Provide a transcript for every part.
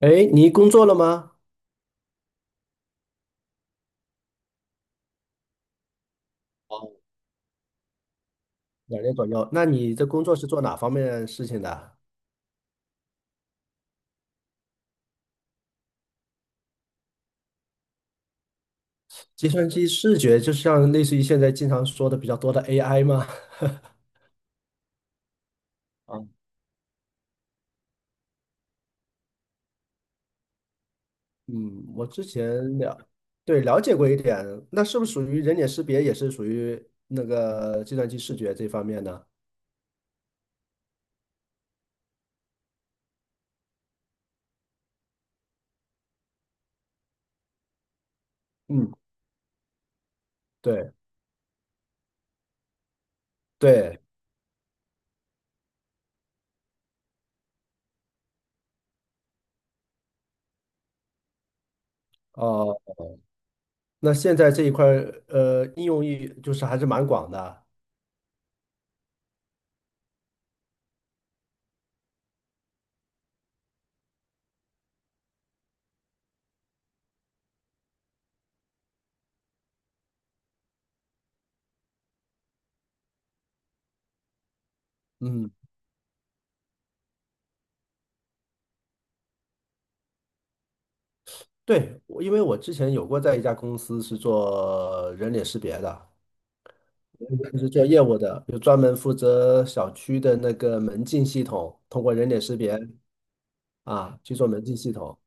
哎，你工作了吗？哦，两年左右。那你的工作是做哪方面的事情的？计算机视觉，就像类似于现在经常说的比较多的 AI 吗？啊，嗯，我之前了，对，了解过一点。那是不是属于人脸识别，也是属于那个计算机视觉这方面呢？嗯，对对，哦，那现在这一块儿应用域就是还是蛮广的。嗯，对，因为我之前有过在一家公司是做人脸识别的。就是做业务的，有专门负责小区的那个门禁系统，通过人脸识别啊去做门禁系统。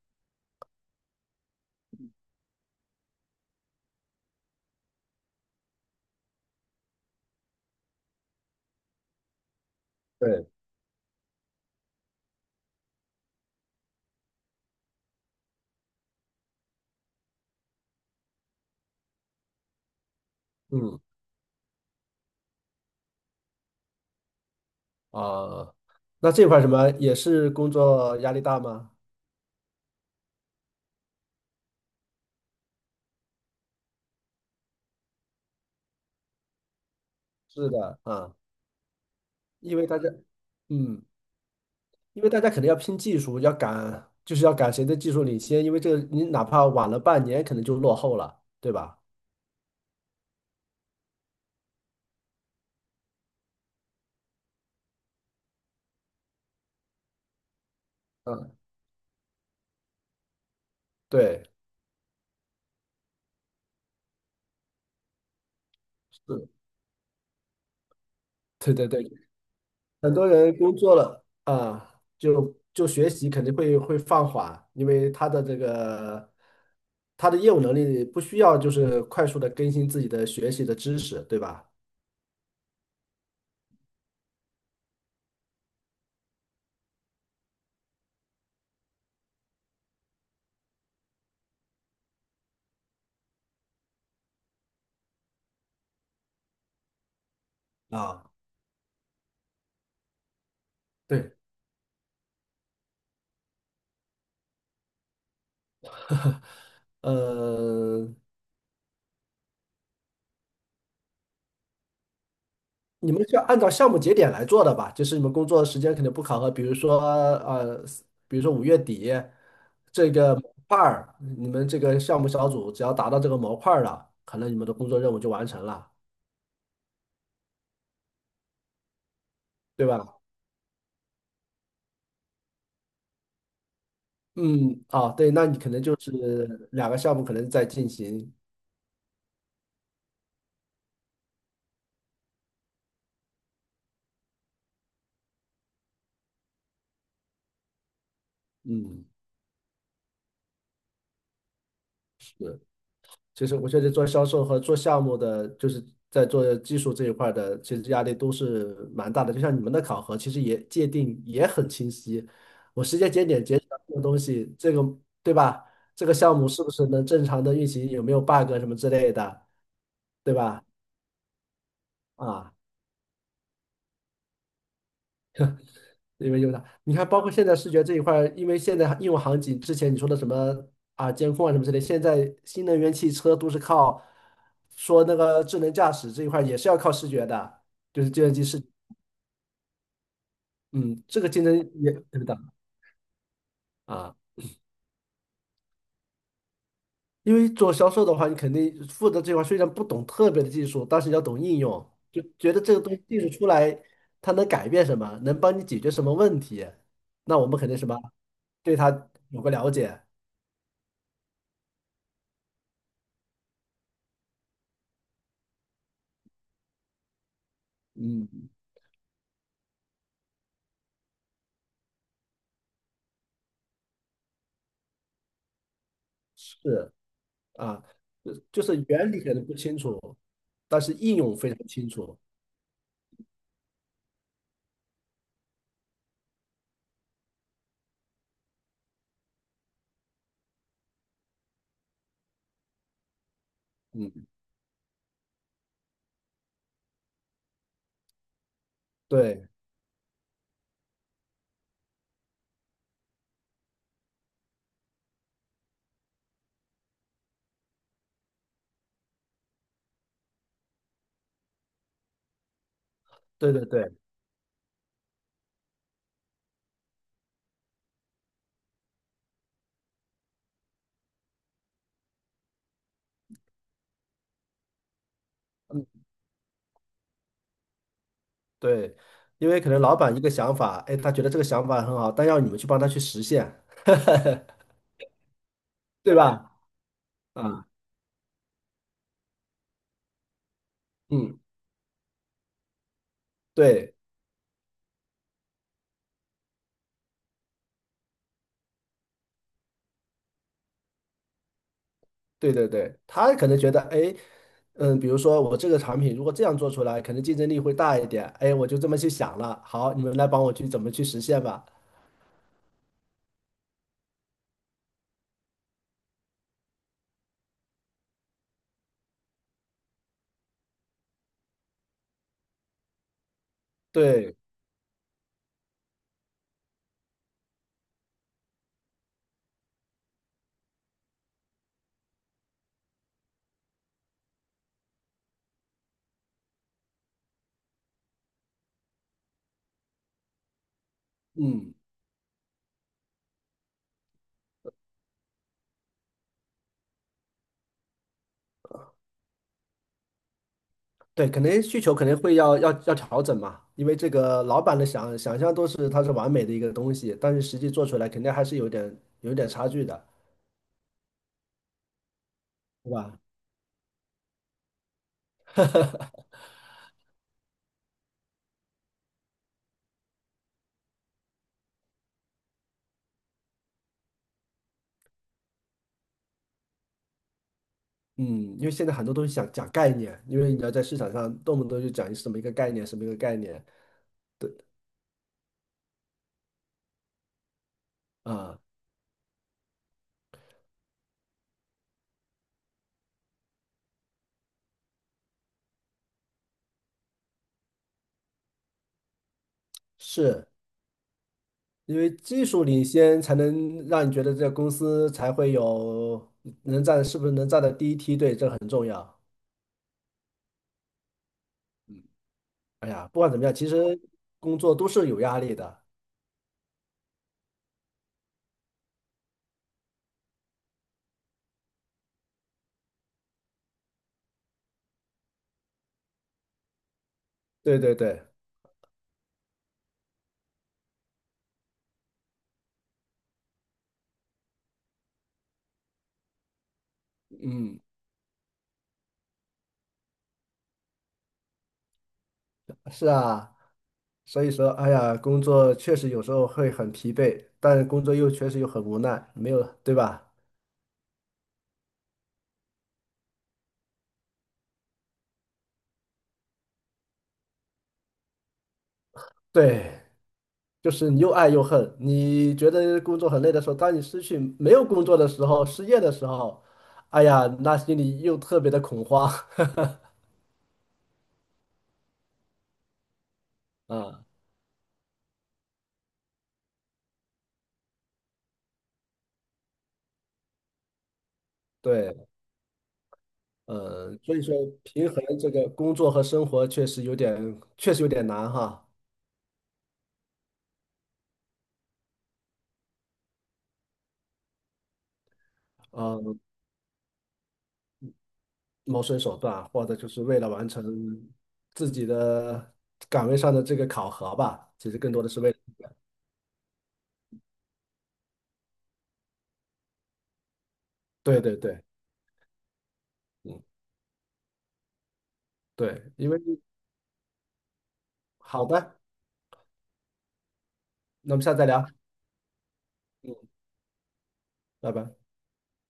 对，嗯啊，那这块儿什么也是工作压力大吗？是的啊，因为大家，嗯，因为大家肯定要拼技术，要赶，就是要赶谁的技术领先，因为这个你哪怕晚了半年，可能就落后了，对吧？嗯，对，是，对对对，很多人工作了啊，就学习肯定会放缓，因为他的这个他的业务能力不需要就是快速的更新自己的学习的知识，对吧？啊，对，呃，你们是按照项目节点来做的吧？就是你们工作时间肯定不考核，比如说比如说五月底这个模块儿，你们这个项目小组只要达到这个模块儿了，可能你们的工作任务就完成了，对吧？嗯，啊，对，那你可能就是两个项目可能在进行，嗯，是，其实我觉得做销售和做项目的，就是在做技术这一块儿的，其实压力都是蛮大的。就像你们的考核，其实也界定也很清晰，我时间节点截止到这个东西，这个对吧？这个项目是不是能正常的运行，有没有 bug 什么之类的，对吧？啊。因为用的，你看，包括现在视觉这一块儿，因为现在应用场景之前你说的什么啊，监控啊什么之类，现在新能源汽车都是靠说那个智能驾驶这一块儿也是要靠视觉的，就是计算机视，嗯，这个竞争也特别大啊。因为做销售的话，你肯定负责这块儿虽然不懂特别的技术，但是你要懂应用，就觉得这个东西技术出来，它能改变什么，能帮你解决什么问题，那我们肯定什么对它有个了解，嗯，是。啊，就是原理可能不清楚，但是应用非常清楚。嗯，对，对对对，嗯，对，因为可能老板一个想法，哎，他觉得这个想法很好，但要你们去帮他去实现，对吧？啊，嗯，对，对对对，他可能觉得，哎，嗯，比如说我这个产品如果这样做出来，可能竞争力会大一点，哎，我就这么去想了，好，你们来帮我去怎么去实现吧。对，嗯。对，可能需求可能会要调整嘛，因为这个老板的想象都是它是完美的一个东西，但是实际做出来肯定还是有点差距的，对吧？嗯，因为现在很多东西想讲概念，因为你要在市场上动不动就讲什么一个概念，什么一个概念啊，是因为技术领先才能让你觉得这个公司才会有能站，是不是能站在第一梯队，这很重要。哎呀，不管怎么样，其实工作都是有压力的。对对对，嗯。是啊，所以说，哎呀，工作确实有时候会很疲惫，但工作又确实又很无奈，没有，对吧？对，就是你又爱又恨。你觉得工作很累的时候，当你失去没有工作的时候，失业的时候，哎呀，那心里又特别的恐慌 啊。对，嗯，所以说平衡这个工作和生活确实有点，确实有点难哈。呃谋生手段，或者就是为了完成自己的岗位上的这个考核吧。其实更多的是为了，对对对，嗯，对，因为好的，那我们下次再聊，嗯，拜拜。